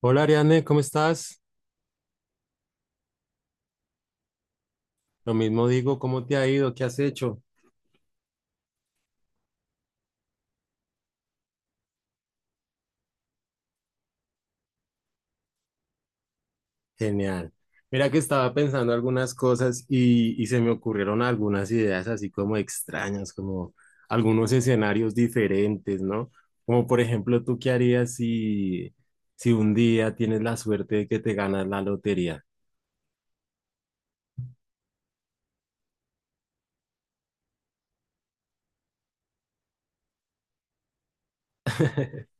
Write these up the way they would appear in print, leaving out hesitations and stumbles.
Hola Ariane, ¿cómo estás? Lo mismo digo, ¿cómo te ha ido? ¿Qué has hecho? Genial. Mira que estaba pensando algunas cosas y se me ocurrieron algunas ideas así como extrañas, como algunos escenarios diferentes, ¿no? Como por ejemplo, ¿tú qué harías si un día tienes la suerte de que te ganas la lotería?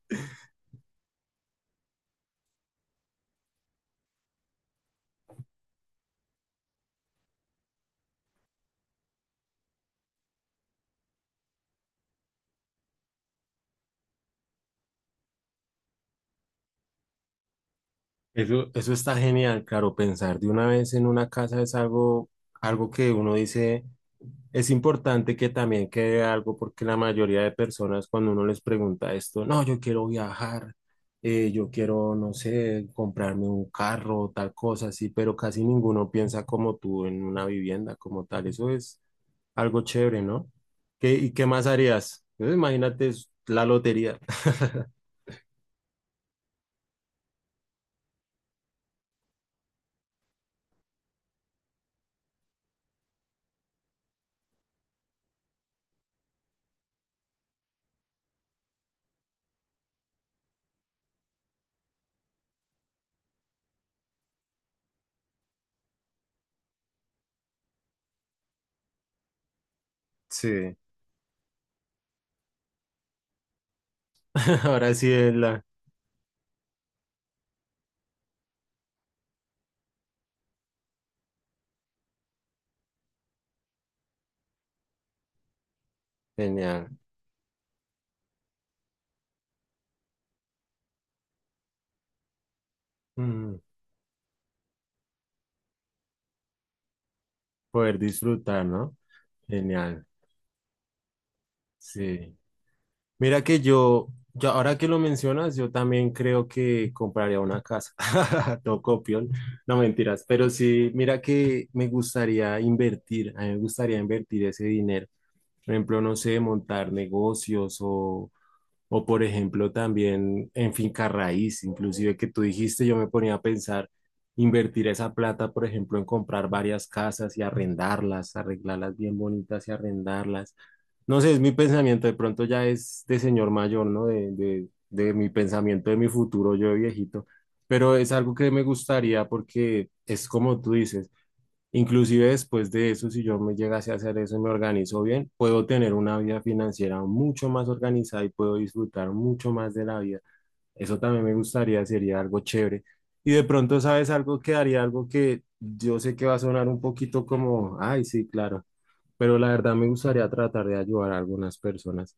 Eso está genial, claro, pensar de una vez en una casa es algo que uno dice. Es importante que también quede algo porque la mayoría de personas cuando uno les pregunta esto, no, yo quiero viajar, yo quiero, no sé, comprarme un carro, tal cosa así, pero casi ninguno piensa como tú en una vivienda como tal. Eso es algo chévere, ¿no? ¿Qué, y qué más harías? Imagínate, es la lotería. Sí, ahora sí es la... Genial. Mm, poder disfrutar, ¿no? Genial. Sí. Mira que yo, ahora que lo mencionas, yo también creo que compraría una casa. No copión, no mentiras, pero sí, mira que me gustaría invertir, a mí me gustaría invertir ese dinero. Por ejemplo, no sé, montar o por ejemplo, también en finca raíz, inclusive que tú dijiste, yo me ponía a pensar invertir esa plata, por ejemplo, en comprar varias casas y arrendarlas, arreglarlas bien bonitas y arrendarlas. No sé, es mi pensamiento, de pronto ya es de señor mayor, ¿no? De mi pensamiento, de mi futuro, yo de viejito. Pero es algo que me gustaría porque es como tú dices. Inclusive después de eso, si yo me llegase a hacer eso y me organizo bien, puedo tener una vida financiera mucho más organizada y puedo disfrutar mucho más de la vida. Eso también me gustaría, sería algo chévere. Y de pronto, ¿sabes algo que haría? Algo que yo sé que va a sonar un poquito como, ay, sí, claro, pero la verdad me gustaría tratar de ayudar a algunas personas.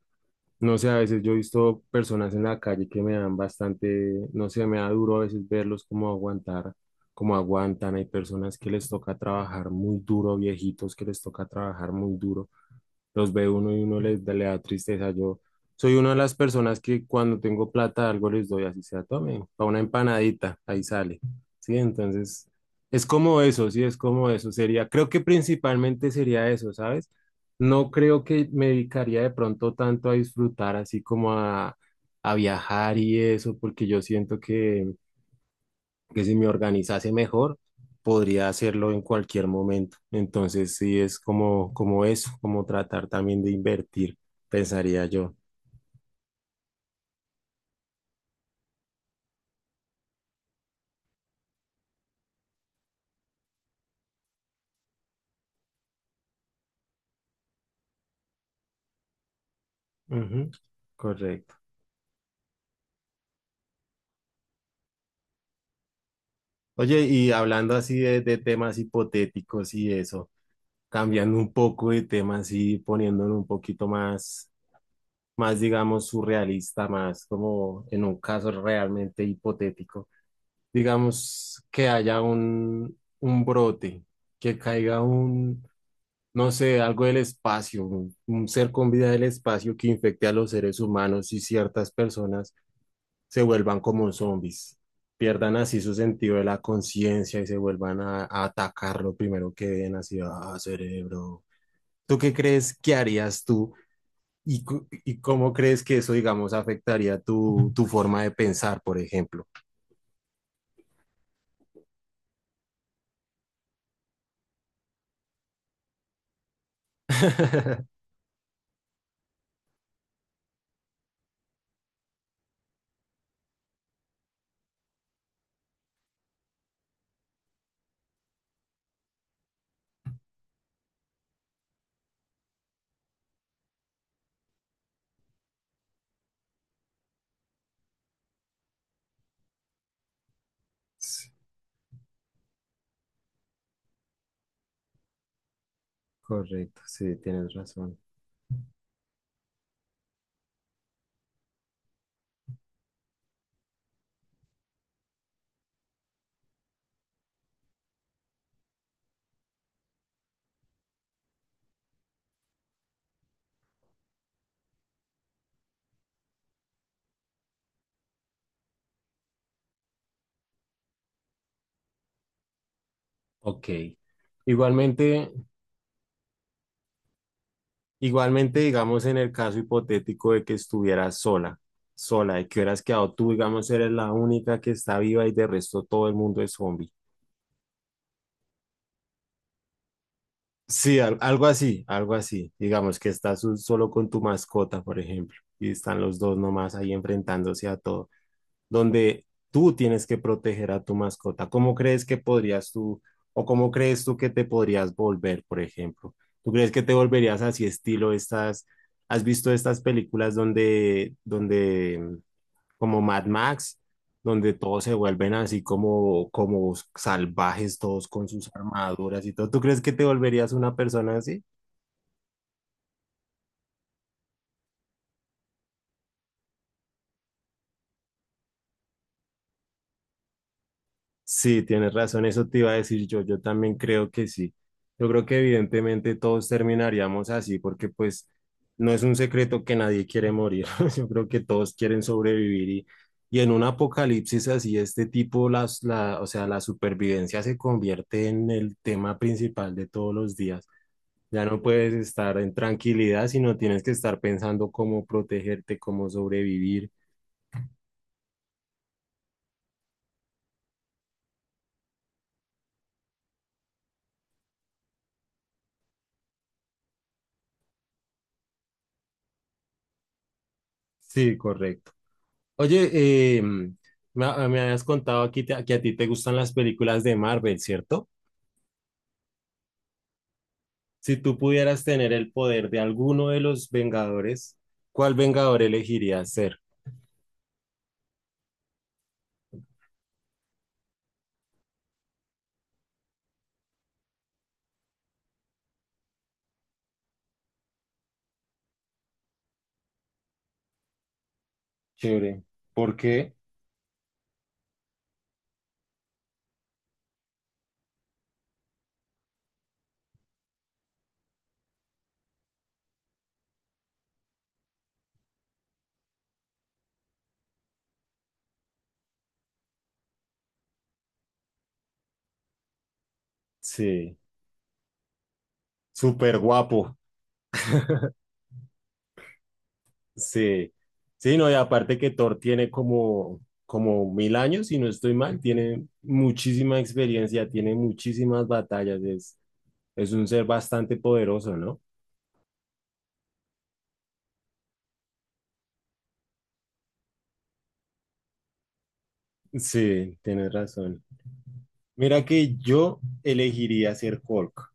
No sé, a veces yo he visto personas en la calle que me dan bastante, no sé, me da duro a veces verlos como aguantar, como aguantan. Hay personas que les toca trabajar muy duro, viejitos que les toca trabajar muy duro, los ve uno y uno le da tristeza. Yo soy una de las personas que cuando tengo plata algo les doy, así sea, tomen, para una empanadita, ahí sale. Sí, entonces es como eso, sí, es como eso. Sería, creo que principalmente sería eso, ¿sabes? No creo que me dedicaría de pronto tanto a disfrutar así como a viajar y eso, porque yo siento que si me organizase mejor, podría hacerlo en cualquier momento. Entonces, sí, es como, como eso, como tratar también de invertir, pensaría yo. Ujú, correcto. Oye, y hablando así de temas hipotéticos y eso, cambiando un poco de temas y poniéndolo un poquito más, digamos, surrealista, más como en un caso realmente hipotético, digamos que haya un brote, que caiga un, no sé, algo del espacio, un ser con vida del espacio que infecte a los seres humanos y ciertas personas se vuelvan como zombies, pierdan así su sentido de la conciencia y se vuelvan a atacar lo primero que ven, así, ah, cerebro. ¿Tú qué crees que harías tú y cómo crees que eso, digamos, afectaría tu forma de pensar, por ejemplo? Sí, correcto, sí, tienes razón. Ok. Igualmente. Igualmente, digamos, en el caso hipotético de que estuvieras sola, de que hubieras quedado tú, digamos, eres la única que está viva y de resto todo el mundo es zombie. Sí, algo así, algo así. Digamos que estás solo con tu mascota, por ejemplo, y están los dos nomás ahí enfrentándose a todo, donde tú tienes que proteger a tu mascota. ¿Cómo crees que podrías tú, o cómo crees tú que te podrías volver, por ejemplo? ¿Tú crees que te volverías así estilo estas, has visto estas películas donde, como Mad Max, donde todos se vuelven así como, como salvajes, todos con sus armaduras y todo? ¿Tú crees que te volverías una persona así? Sí, tienes razón, eso te iba a decir yo, yo también creo que sí. Yo creo que evidentemente todos terminaríamos así porque pues no es un secreto que nadie quiere morir, yo creo que todos quieren sobrevivir y en un apocalipsis así, este tipo, o sea, la supervivencia se convierte en el tema principal de todos los días. Ya no puedes estar en tranquilidad, sino tienes que estar pensando cómo protegerte, cómo sobrevivir. Sí, correcto. Oye, me habías contado aquí que a ti te gustan las películas de Marvel, ¿cierto? Si tú pudieras tener el poder de alguno de los Vengadores, ¿cuál Vengador elegirías ser? Chévere. ¿Por qué? Sí, súper guapo. Sí, sí, no, y aparte que Thor tiene como, como 1000 años, si no estoy mal, tiene muchísima experiencia, tiene muchísimas batallas, es un ser bastante poderoso, ¿no? Sí, tienes razón. Mira que yo elegiría ser Hulk.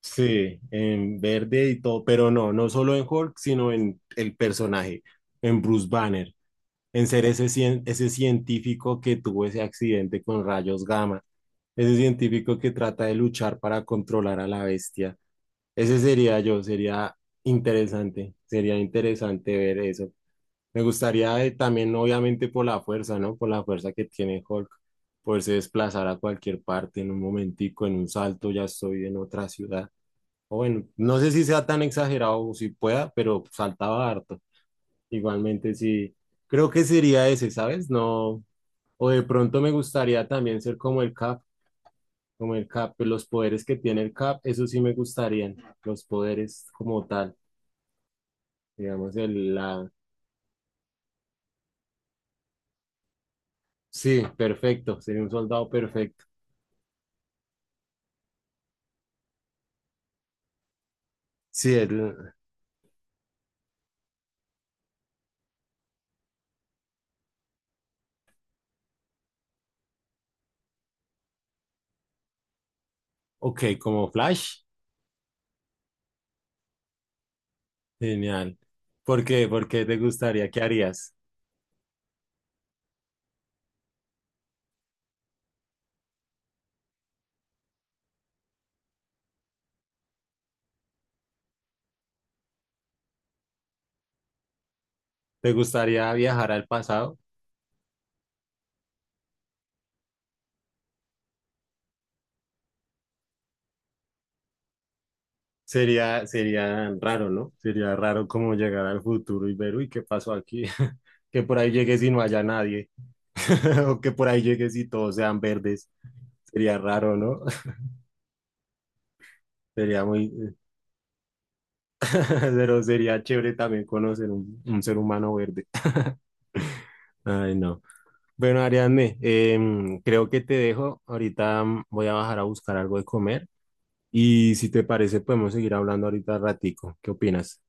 Sí, en verde y todo, pero no, no solo en Hulk, sino en el personaje, en Bruce Banner, en ser ese, ese científico que tuvo ese accidente con rayos gamma, ese científico que trata de luchar para controlar a la bestia. Ese sería yo, sería interesante ver eso. Me gustaría también, obviamente, por la fuerza, ¿no? Por la fuerza que tiene Hulk, poderse desplazar a cualquier parte en un momentico, en un salto, ya estoy en otra ciudad. O bueno, no sé si sea tan exagerado o si pueda, pero saltaba harto. Igualmente, sí, creo que sería ese, ¿sabes? No, o de pronto me gustaría también ser como el Cap, pues, los poderes que tiene el Cap, eso sí me gustarían, los poderes como tal, digamos, el, la... Sí, perfecto, sería un soldado perfecto. Sí, el. Ok, como Flash. Genial. ¿Por qué? ¿Por qué te gustaría? ¿Qué harías? ¿Te gustaría viajar al pasado? Sería, sería raro, ¿no? Sería raro como llegar al futuro y ver, uy, ¿qué pasó aquí? Que por ahí llegues y no haya nadie. O que por ahí llegues y todos sean verdes. Sería raro, ¿no? Sería muy... Pero sería chévere también conocer un ser humano verde. Ay, no. Bueno, Ariadne, creo que te dejo. Ahorita voy a bajar a buscar algo de comer. Y si te parece, podemos seguir hablando ahorita ratico. ¿Qué opinas?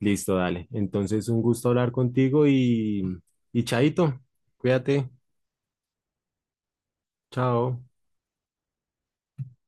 Listo, dale. Entonces, un gusto hablar contigo y chaito, cuídate. Chao.